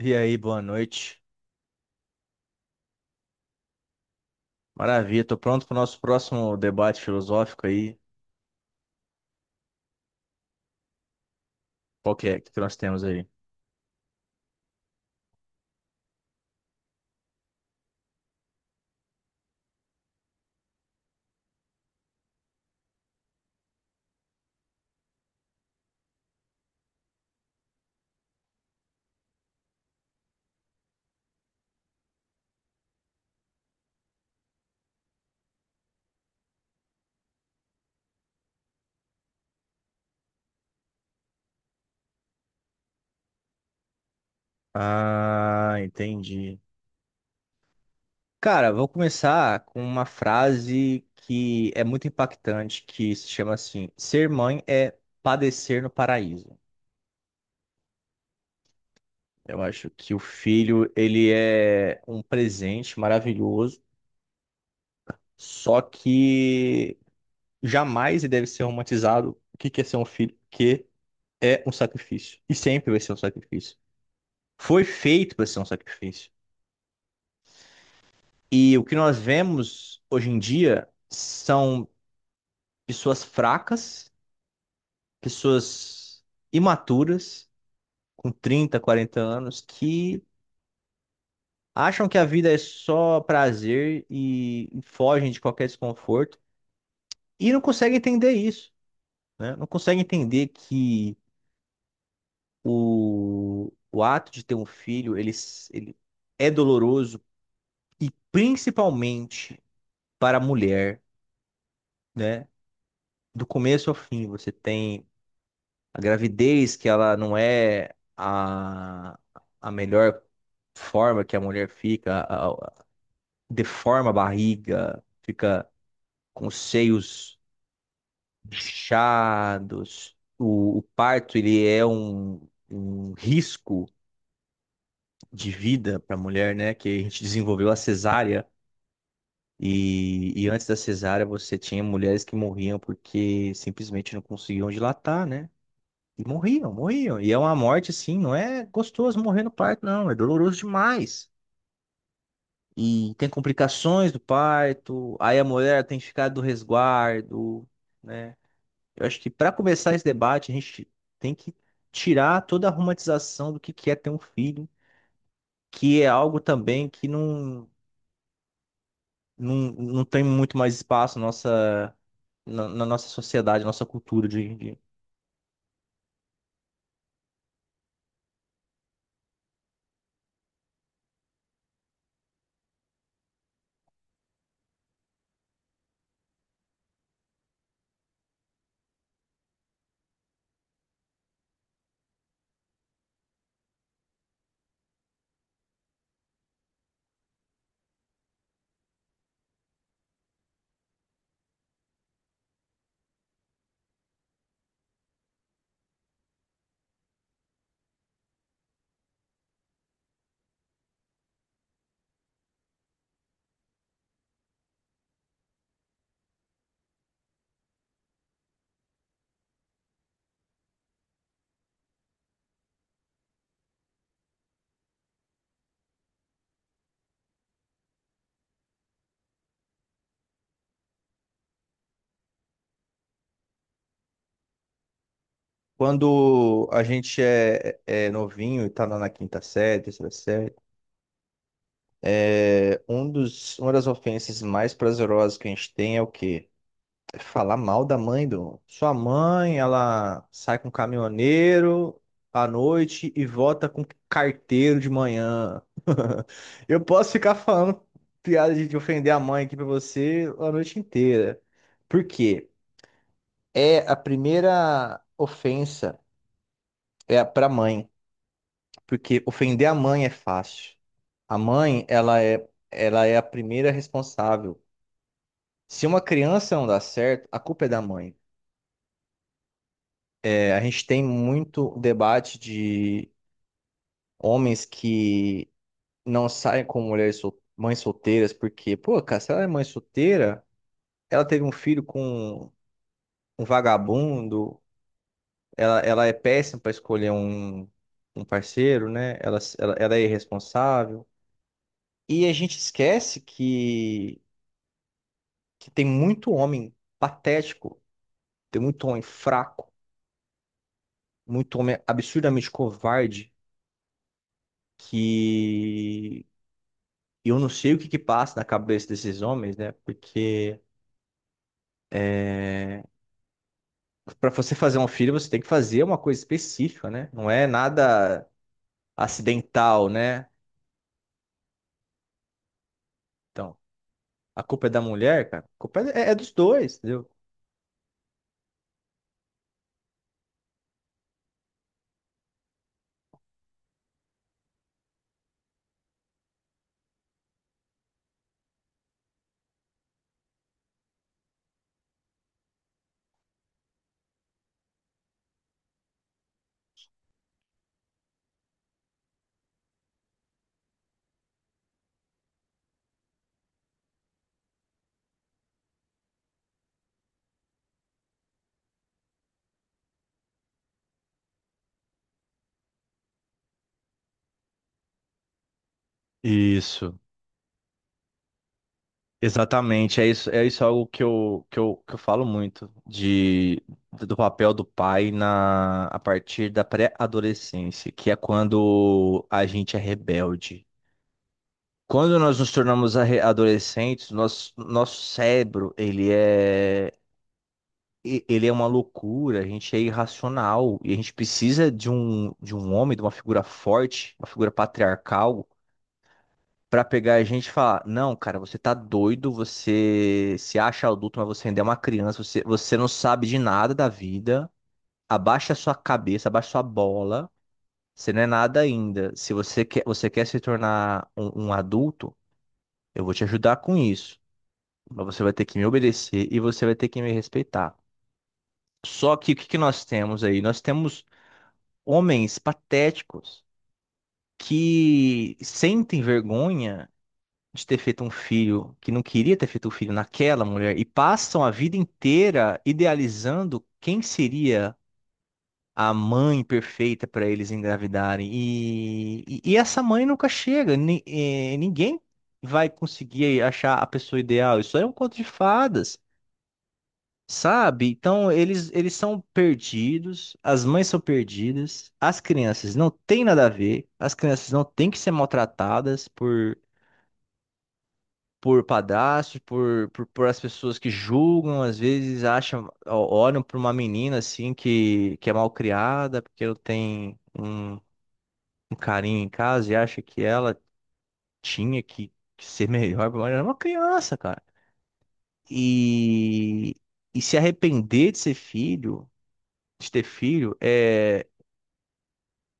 E aí, boa noite. Maravilha, tô pronto para o nosso próximo debate filosófico aí. Qual que é que nós temos aí? Ah, entendi. Cara, vou começar com uma frase que é muito impactante, que se chama assim: ser mãe é padecer no paraíso. Eu acho que o filho, ele é um presente maravilhoso, só que jamais ele deve ser romantizado. O que que é ser um filho? Que é um sacrifício. E sempre vai ser um sacrifício. Foi feito para ser um sacrifício. E o que nós vemos hoje em dia são pessoas fracas, pessoas imaturas, com 30, 40 anos, que acham que a vida é só prazer e fogem de qualquer desconforto e não conseguem entender isso, né? Não conseguem entender que o ato de ter um filho, ele é doloroso e principalmente para a mulher, né? Do começo ao fim. Você tem a gravidez, que ela não é a melhor forma que a mulher fica, deforma a barriga, fica com os seios inchados. O parto, ele é um risco de vida para a mulher, né? Que a gente desenvolveu a cesárea. E antes da cesárea, você tinha mulheres que morriam porque simplesmente não conseguiam dilatar, né? E morriam, morriam. E é uma morte assim, não é gostoso morrer no parto, não. É doloroso demais. E tem complicações do parto, aí a mulher tem que ficar do resguardo, né? Eu acho que para começar esse debate, a gente tem que tirar toda a romantização do que é ter um filho, que é algo também que não tem muito mais espaço na nossa sociedade, na nossa cultura de hoje em dia. Quando a gente é novinho e tá lá na quinta série, terceira série, uma das ofensas mais prazerosas que a gente tem é o quê? É falar mal da mãe do. Sua mãe, ela sai com um caminhoneiro à noite e volta com carteiro de manhã. Eu posso ficar falando piada de ofender a mãe aqui pra você a noite inteira. Por quê? É a primeira ofensa, é a pra mãe, porque ofender a mãe é fácil. A mãe, ela é a primeira responsável. Se uma criança não dá certo, a culpa é da mãe. É, a gente tem muito debate de homens que não saem com mulheres mães solteiras, porque, pô, cara, se ela é mãe solteira, ela teve um filho com um vagabundo, ela é péssima para escolher um parceiro, né? Ela é irresponsável. E a gente esquece que, tem muito homem patético, tem muito homem fraco, muito homem absurdamente covarde que eu não sei o que que passa na cabeça desses homens, né? Porque é, para você fazer um filho, você tem que fazer uma coisa específica, né? Não é nada acidental, né? Então, a culpa é da mulher, cara. A culpa é dos dois, entendeu? Isso. Exatamente, é isso algo que eu, que eu, que eu falo muito, de, do papel do pai, na, a partir da pré-adolescência, que é quando a gente é rebelde. Quando nós nos tornamos adolescentes, nosso cérebro, ele é uma loucura, a gente é irracional e a gente precisa de um homem, de uma figura forte, uma figura patriarcal, para pegar a gente e falar: não, cara, você tá doido, você se acha adulto, mas você ainda é uma criança, você, você não sabe de nada da vida, abaixa a sua cabeça, abaixa a sua bola, você não é nada ainda. Se você quer, você quer se tornar um adulto, eu vou te ajudar com isso. Mas você vai ter que me obedecer e você vai ter que me respeitar. Só que o que que nós temos aí? Nós temos homens patéticos que sentem vergonha de ter feito um filho, que não queria ter feito um filho naquela mulher, e passam a vida inteira idealizando quem seria a mãe perfeita para eles engravidarem. E essa mãe nunca chega. Ninguém vai conseguir achar a pessoa ideal. Isso aí é um conto de fadas. Sabe? Então eles são perdidos, as mães são perdidas, as crianças não têm nada a ver, as crianças não têm que ser maltratadas por padrastos, por as pessoas que julgam, às vezes acham, olham para uma menina assim que é mal criada, porque ela tem um carinho em casa e acha que ela tinha que ser melhor, mas ela é uma criança, cara. E, e se arrepender de ser filho de ter filho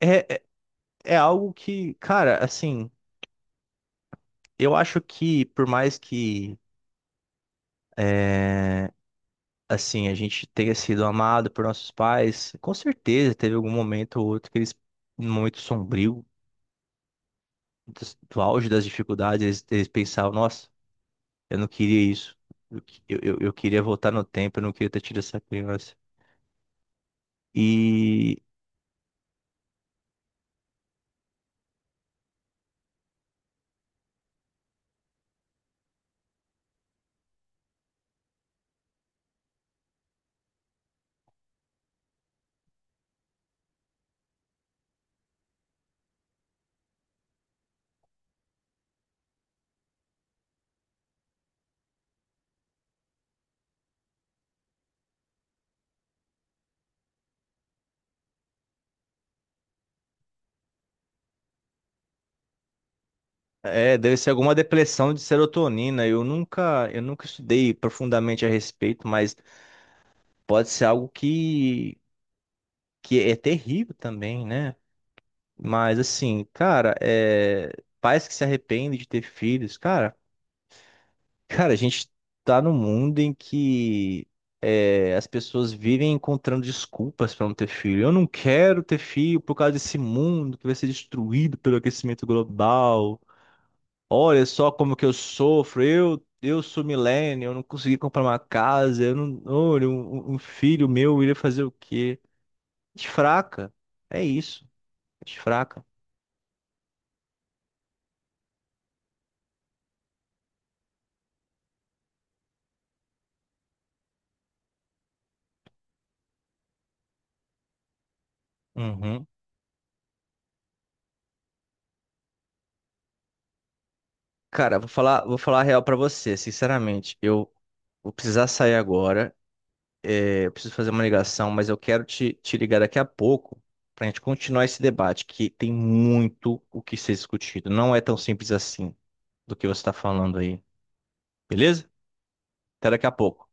É, é é algo que, cara, assim, eu acho que por mais que é, assim, a gente tenha sido amado por nossos pais, com certeza teve algum momento ou outro que eles, num momento sombrio, do auge das dificuldades, eles pensavam, nossa, eu não queria isso. Eu queria voltar no tempo, eu não queria ter tido essa criança. E deve ser alguma depressão de serotonina. Eu nunca estudei profundamente a respeito, mas pode ser algo que é terrível também, né? Mas assim, cara, pais que se arrependem de ter filhos, cara, cara, a gente tá num mundo em que as pessoas vivem encontrando desculpas pra não ter filho. Eu não quero ter filho por causa desse mundo que vai ser destruído pelo aquecimento global. Olha só como que eu sofro. Eu sou millennial, eu não consegui comprar uma casa. Eu não, olha, um filho meu iria fazer o quê? Gente fraca. É isso. Gente fraca. Uhum. Cara, vou falar a real pra você, sinceramente. Eu vou precisar sair agora, eu preciso fazer uma ligação, mas eu quero te ligar daqui a pouco pra gente continuar esse debate, que tem muito o que ser discutido. Não é tão simples assim do que você tá falando aí, beleza? Até daqui a pouco.